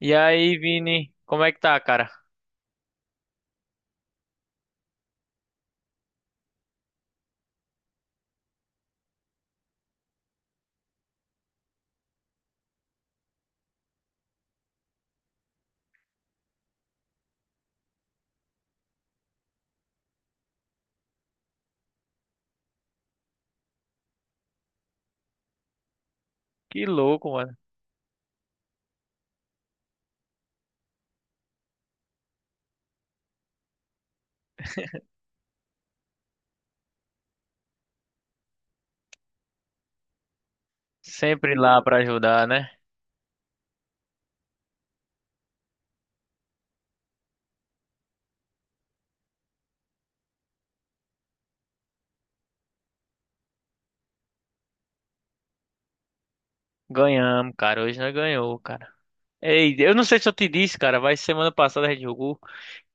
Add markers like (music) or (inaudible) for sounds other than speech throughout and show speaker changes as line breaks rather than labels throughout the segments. E aí, Vini, como é que tá, cara? Que louco, mano. Sempre lá pra ajudar, né? Ganhamos, cara. Hoje nós ganhou, cara. Ei, eu não sei se eu te disse, cara, mas semana passada a gente jogou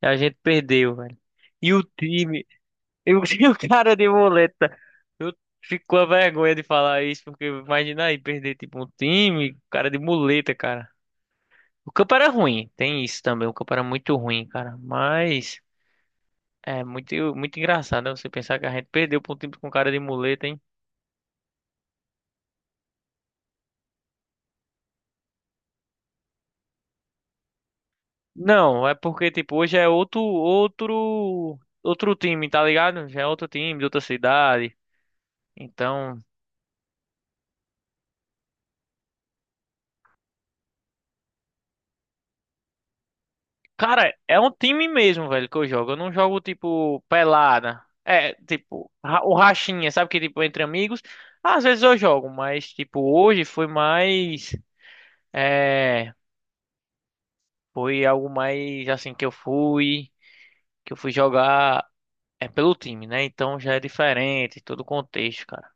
e a gente perdeu, velho. E o time, eu (laughs) tinha o cara de boleta. Eu fico com a vergonha de falar isso, porque imagina aí perder tipo um time, cara de muleta, cara. O campo era ruim, tem isso também. O campo era muito ruim, cara. Mas é muito, muito engraçado, né? Você pensar que a gente perdeu pra um time com cara de muleta, hein? Não, é porque, tipo, hoje é outro time, tá ligado? Já é outro time de outra cidade. Então, cara, é um time mesmo, velho, que eu jogo. Eu não jogo, tipo, pelada. É, tipo, o rachinha, sabe que, tipo, entre amigos. Às vezes eu jogo, mas, tipo, hoje foi mais, é, foi algo mais, assim, que eu fui jogar, é, pelo time, né? Então já é diferente, todo o contexto, cara.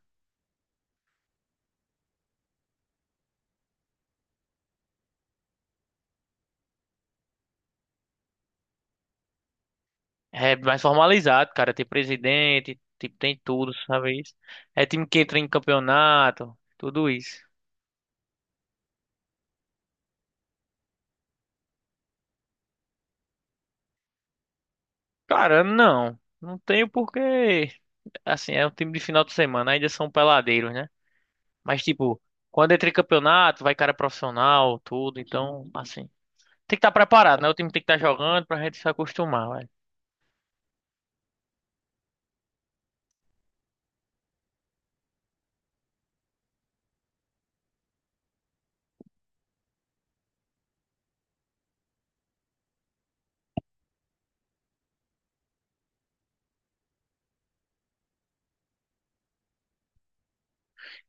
É mais formalizado, cara. Tem presidente, tipo, tem tudo, sabe isso? É time que entra em campeonato, tudo isso. Cara, não. Não tenho porque, assim, é um time de final de semana, ainda são peladeiros, né? Mas, tipo, quando entra em campeonato, vai cara profissional, tudo, então, assim. Tem que estar preparado, né? O time tem que estar jogando pra gente se acostumar, velho.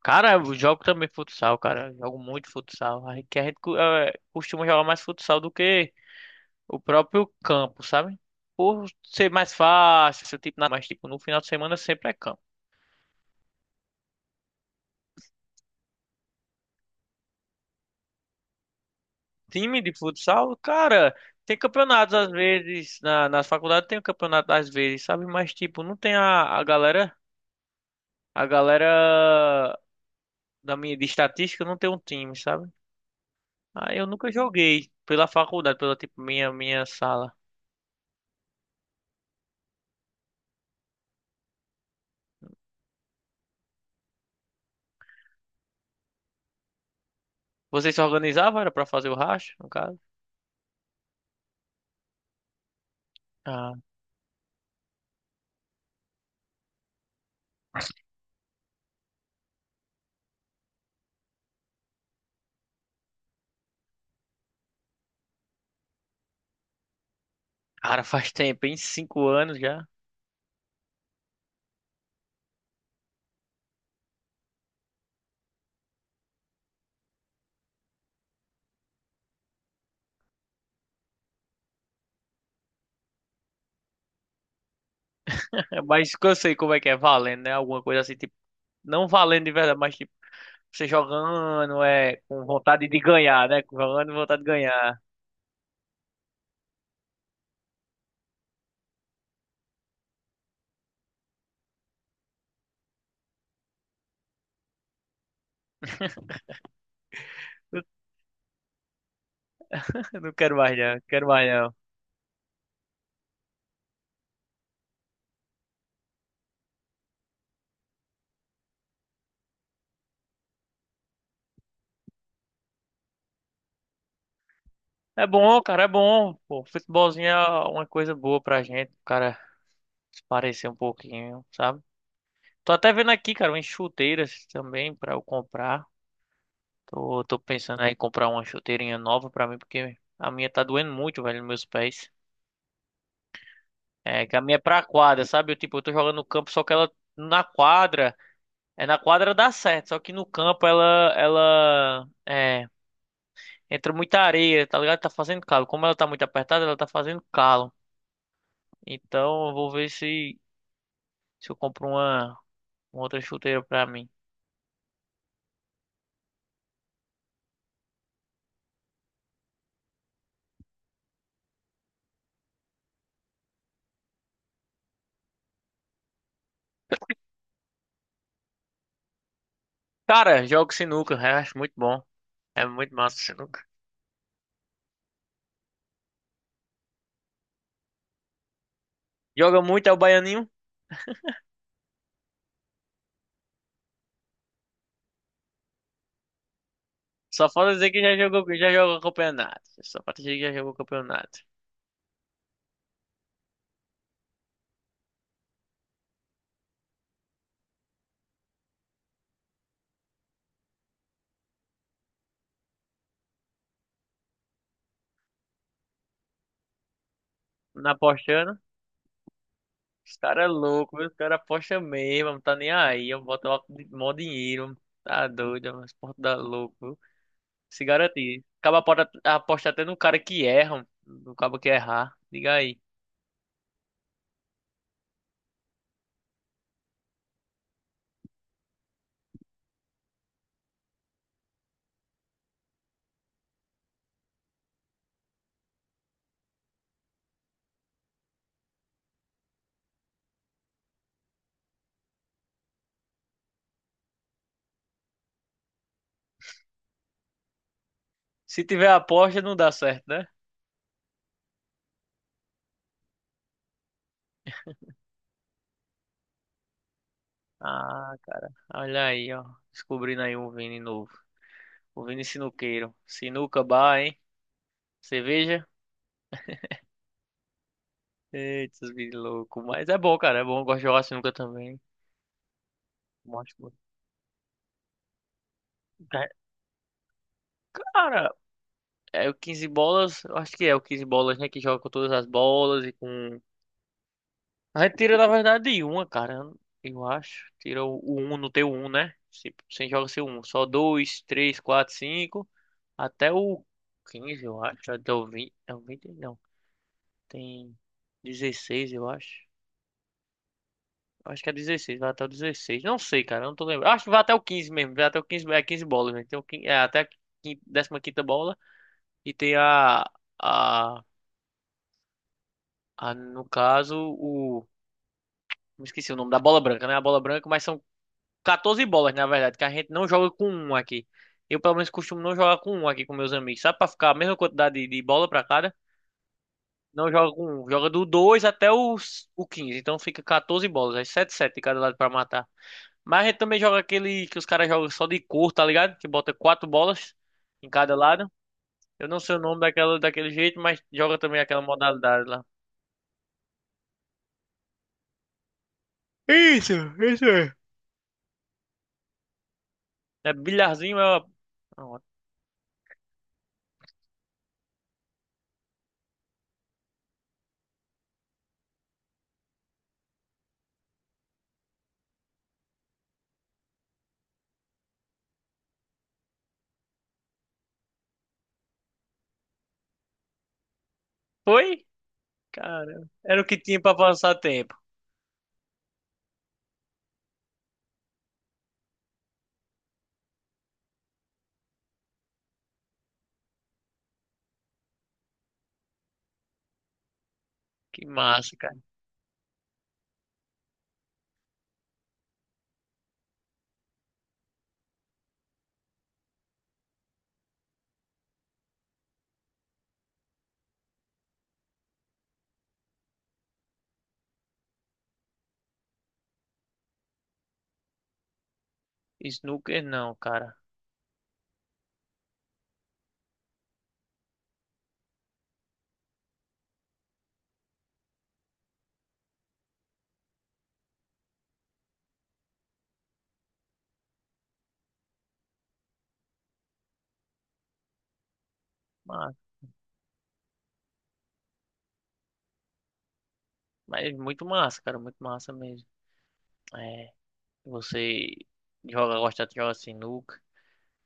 Cara, eu jogo também futsal, cara. Eu jogo muito futsal. A gente, que a gente costuma jogar mais futsal do que o próprio campo, sabe? Por ser mais fácil, ser tipo, mas tipo, no final de semana sempre é campo. Time de futsal, cara, tem campeonatos às vezes, nas faculdades tem um campeonato às vezes, sabe? Mas tipo, não tem a galera de estatística não tem um time, sabe? Aí eu nunca joguei pela faculdade, pela tipo, minha sala. Vocês se organizavam, era pra fazer o racha, no caso? Ah, cara, faz tempo, hein? 5 anos já. (laughs) É, mas eu sei como é que é valendo, né? Alguma coisa assim, não valendo de verdade, mas tipo, você jogando é com vontade de ganhar, né? Jogando com vontade de ganhar. (laughs) Eu não quero mais não, quero mais não. É bom, cara, é bom. Pô, futebolzinho é uma coisa boa pra gente, o cara se parecer um pouquinho, sabe? Tô até vendo aqui, cara, umas chuteiras também pra eu comprar. Tô pensando aí em comprar uma chuteirinha nova pra mim, porque a minha tá doendo muito, velho, nos meus pés. É, que a minha é pra quadra, sabe? Eu, tipo, eu tô jogando no campo, só que ela na quadra. É na quadra dá certo, só que no campo ela é, entra muita areia, tá ligado? Tá fazendo calo. Como ela tá muito apertada, ela tá fazendo calo. Então eu vou ver se eu compro uma outra chuteira pra mim. Cara, jogo sinuca, eu acho muito bom. É muito massa o sinuca. Joga muito é o baianinho. Só falta dizer que já jogou campeonato. Só falta dizer que já jogou campeonato. Não apostando. Os caras é louco, viu? Os caras apostam mesmo, não tá nem aí. Eu boto lá mó dinheiro, tá doido, é umas portas da louco, viu? Se garantir. Acaba pode apostar até no cara que erra, no cabo que errar. Diga aí. Se tiver aposta, não dá certo, né? Ah, cara, olha aí, ó. Descobrindo aí um Vini novo. O Vini Sinuqueiro. Sinuca bar, hein? Cerveja? Eita, os Vini louco. Mas é bom, cara, é bom. Eu gosto de jogar sinuca também. Mostra. Cara, é o 15 bolas, eu acho que é o 15 bolas, né? Que joga com todas as bolas e com. A gente tira, na verdade, de uma, cara. Eu acho. Tira o um, não tem o um, né? Sem joga sem o um. Só dois, três, quatro, cinco. Até o 15, eu acho. Até o 20, é o 20, não. Tem 16, eu acho. Eu acho que é 16, vai até o 16. Não sei, cara, eu não tô lembrando. Acho que vai até o 15 mesmo, vai até o 15, é 15 bolas, né? Tem o, é até a 15ª bola e tem a, no caso, o me esqueci o nome da bola branca, né? A bola branca, mas são 14 bolas, na verdade, que a gente não joga com um aqui. Eu, pelo menos, costumo não jogar com um aqui com meus amigos, sabe? Pra ficar a mesma quantidade de bola pra cada. Não joga com um, joga do 2 até os, o 15. Então fica 14 bolas, aí 7 7 de cada lado pra matar. Mas a gente também joga aquele que os caras jogam só de cor, tá ligado? Que bota quatro bolas em cada lado. Eu não sei o nome daquela, daquele jeito, mas joga também aquela modalidade lá. Isso, isso. É é bilharzinho, é. Uma- foi? Cara, era o que tinha pra passar tempo. Que massa, cara. Snooker não, cara. Mas, mas muito massa, cara. Muito massa mesmo. É, você joga, gosta de jogar sinuca.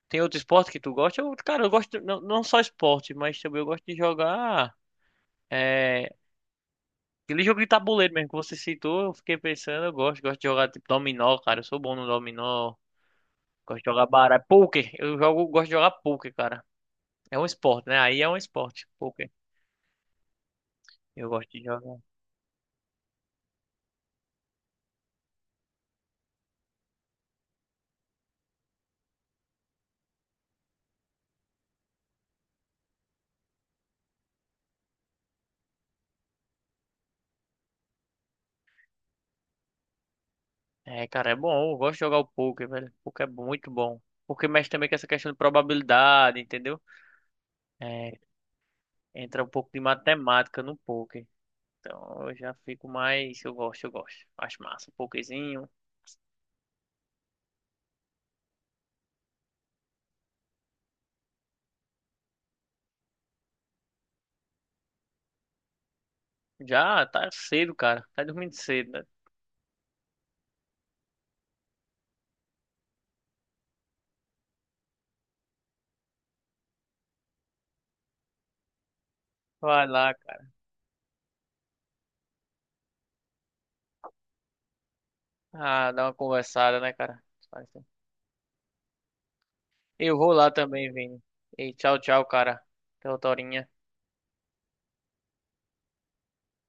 Tem outro esporte que tu gosta? Eu, cara, eu gosto, não, não só esporte, mas também eu gosto de jogar. É, aquele jogo de tabuleiro mesmo que você citou, eu fiquei pensando, eu gosto, gosto de jogar tipo dominó, cara. Eu sou bom no dominó. Gosto de jogar baralho. Poker, eu jogo, gosto de jogar poker, cara. É um esporte, né? Aí é um esporte, poker. Eu gosto de jogar. É, cara, é bom. Eu gosto de jogar o poker, velho. O poker é muito bom. Porque mexe também com essa questão de probabilidade, entendeu? É, entra um pouco de matemática no poker. Então eu já fico mais. Eu gosto, eu gosto. Acho massa. Pokerzinho. Já tá cedo, cara. Tá dormindo cedo, né? Vai lá, cara. Ah, dá uma conversada, né, cara? Eu vou lá também, Vini. E tchau, tchau, cara. Até outra horinha.